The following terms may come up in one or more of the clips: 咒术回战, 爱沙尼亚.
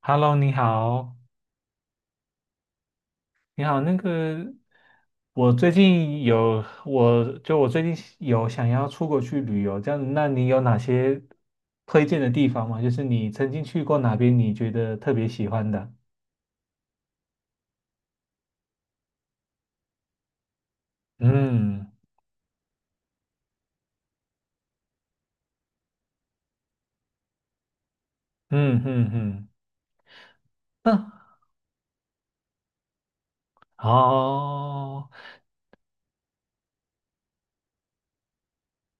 Hello，你好，你好，我最近有想要出国去旅游，这样子，那你有哪些推荐的地方吗？就是你曾经去过哪边，你觉得特别喜欢的？嗯嗯嗯嗯。嗯。哦。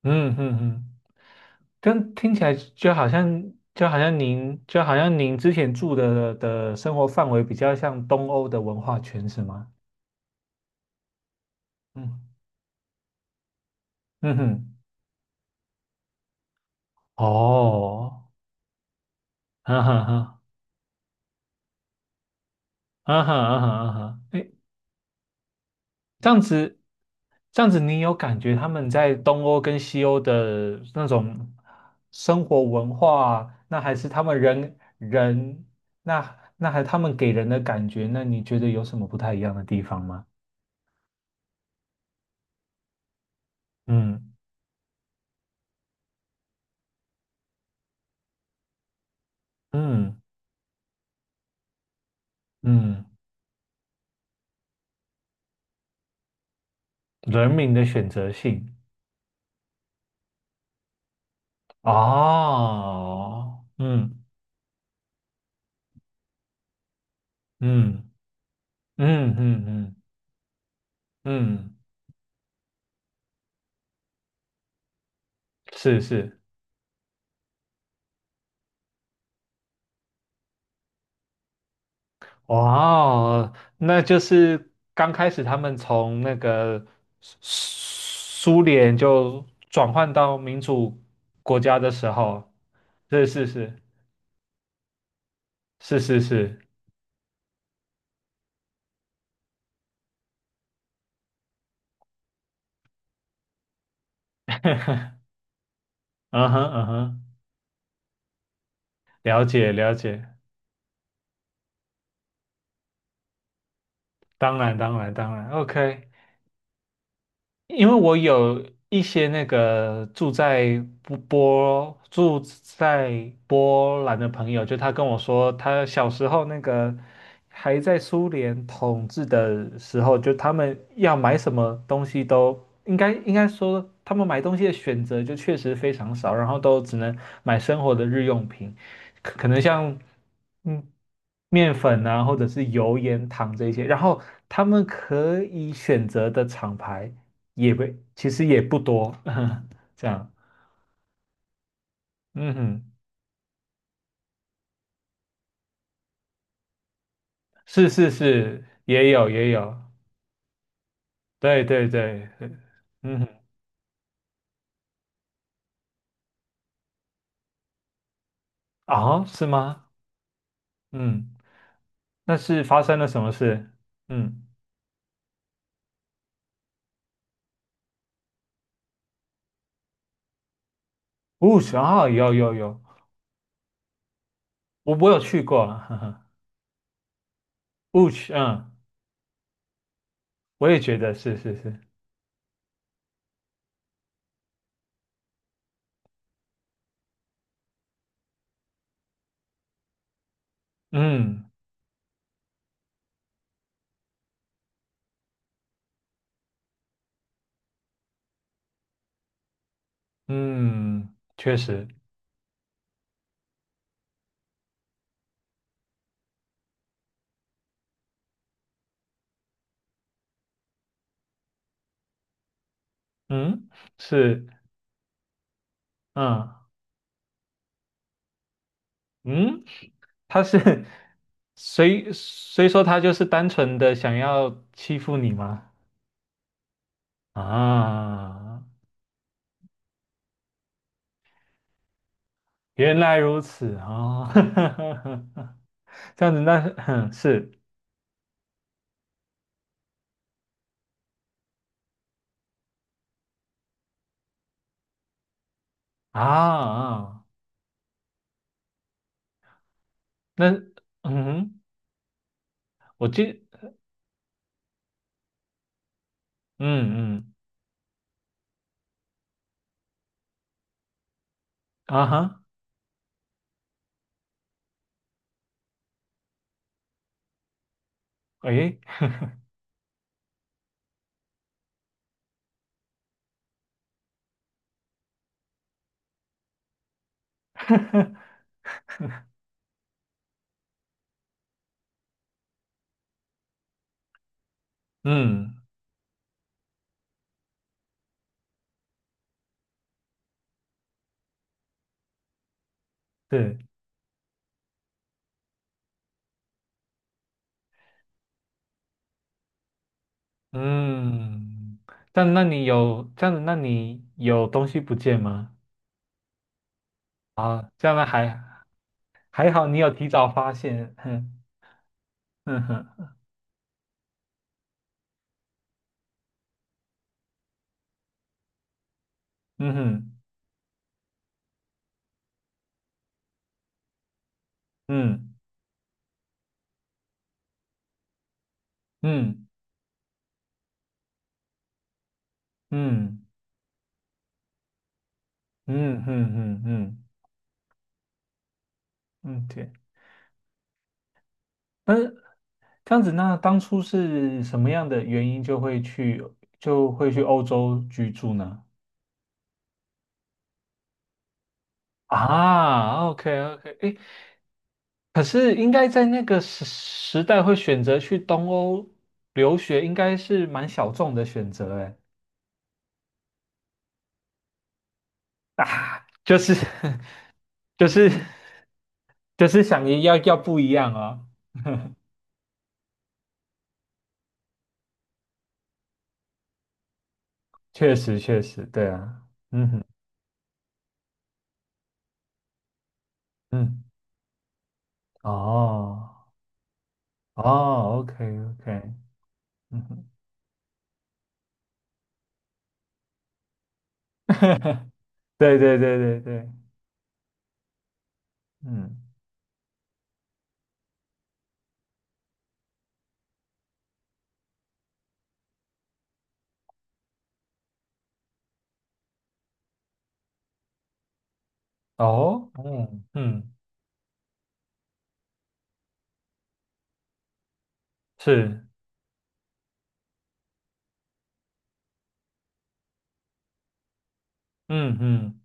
嗯嗯嗯。但听起来就好像您之前住的生活范围比较像东欧的文化圈，是吗？嗯。嗯哼。哦。啊哈哈。啊哈啊哈啊哈。哎。这样子，这样子，你有感觉他们在东欧跟西欧的那种生活文化，那还他们给人的感觉，那你觉得有什么不太一样的地方吗？嗯嗯嗯。人民的选择性。哦。嗯嗯嗯嗯嗯嗯。是是。哇哦，那就是刚开始他们从那个苏联就转换到民主国家的时候，是是是是是是。嗯哼嗯哼。了解了解。当然当然当然。OK。因为我有一些住在波兰的朋友，就他跟我说，他小时候还在苏联统治的时候，就他们要买什么东西都应该说，他们买东西的选择就确实非常少，然后都只能买生活的日用品，可能像嗯面粉啊，或者是油盐糖这些，然后他们可以选择的厂牌。也不，其实也不多。这样。嗯哼。是是是。也有也有。对对对。嗯哼。啊，是吗？嗯。那是发生了什么事？嗯。 w o s h 啊，有有有。我有去过。哈哈。 w o s h。 嗯，我也觉得是是是。嗯嗯。确实。嗯，是。嗯嗯。他是 谁说他就是单纯的想要欺负你吗？啊，原来如此啊。这样子。那是。 是。啊啊。那。嗯。哼。我记嗯嗯。啊哈。诶。嗯，是。嗯。但那你有这样子，那你有东西不见吗？啊，这样还好，你有提早发现。哼哼哼。嗯哼嗯嗯嗯嗯嗯嗯嗯嗯。嗯，对。嗯这样子，那当初是什么样的原因就会去欧洲居住呢？啊，OK OK。诶。可是应该在那个时代会选择去东欧留学，应该是蛮小众的选择。诶。啊，就是 就是就是想要不一样啊。确实确实。对啊。嗯哼。嗯。哦哦。OK OK。嗯哼。对对对对对。嗯。哦。嗯嗯。是。嗯嗯。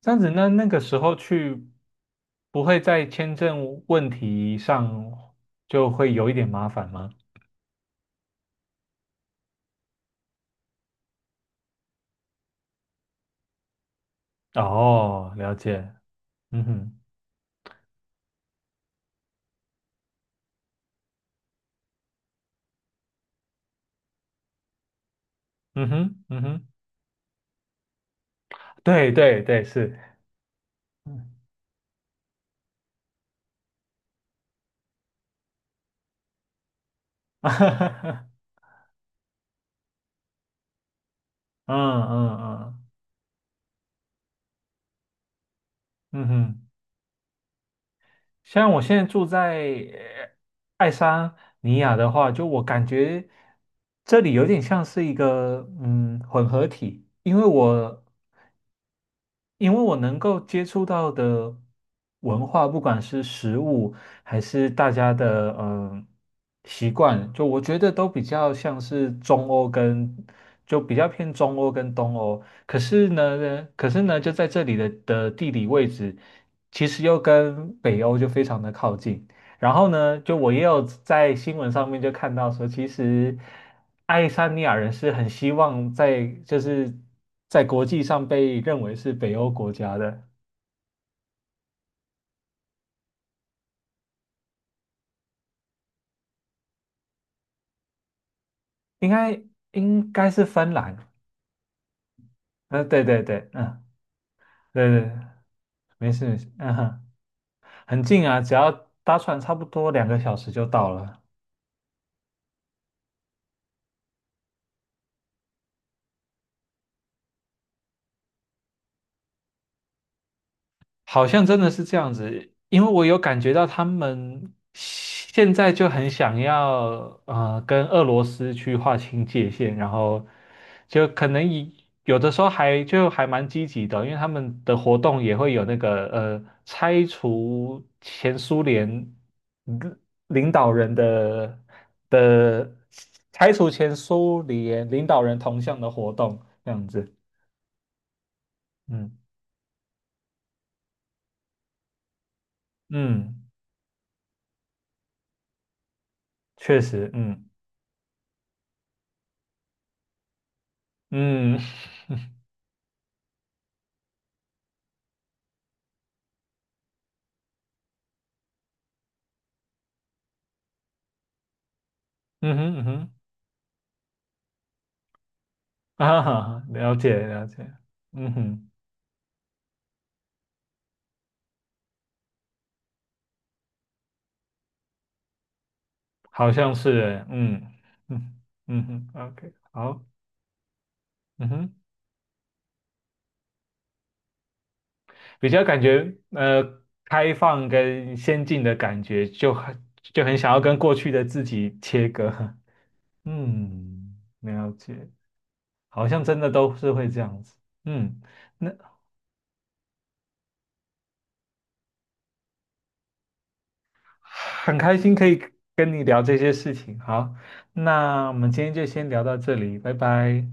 这样子，那那个时候去，不会在签证问题上就会有一点麻烦吗？哦，了解。嗯哼。嗯哼。嗯哼。对对对。是。嗯。嗯嗯嗯。嗯哼。像我现在住在呃爱沙尼亚的话，就我感觉这里有点像是一个混合体，因为我能够接触到的文化，不管是食物还是大家的习惯，就我觉得都比较像是中欧跟就比较偏中欧跟东欧。可是呢，就在这里的地理位置，其实又跟北欧就非常的靠近。然后呢，就我也有在新闻上面就看到说，其实爱沙尼亚人是很希望在就是在国际上被认为是北欧国家的，应该应该是芬兰。嗯。对对对。嗯。对对。没事没事。嗯哼。很近啊，只要搭船差不多2个小时就到了。好像真的是这样子，因为我有感觉到他们现在就很想要跟俄罗斯去划清界限，然后就可能以有的时候还蛮积极的，因为他们的活动也会有领领导人的的拆除前苏联领导人铜像的活动这样子。嗯嗯。确实。嗯嗯。嗯哼嗯哼。啊。哈了解了解。嗯哼。好像是欸。嗯。嗯。嗯哼。OK。好。嗯哼。比较感觉开放跟先进的感觉，就很想要跟过去的自己切割。嗯，了解。好像真的都是会这样子。嗯。那很开心可以跟你聊这些事情，好，那我们今天就先聊到这里，拜拜。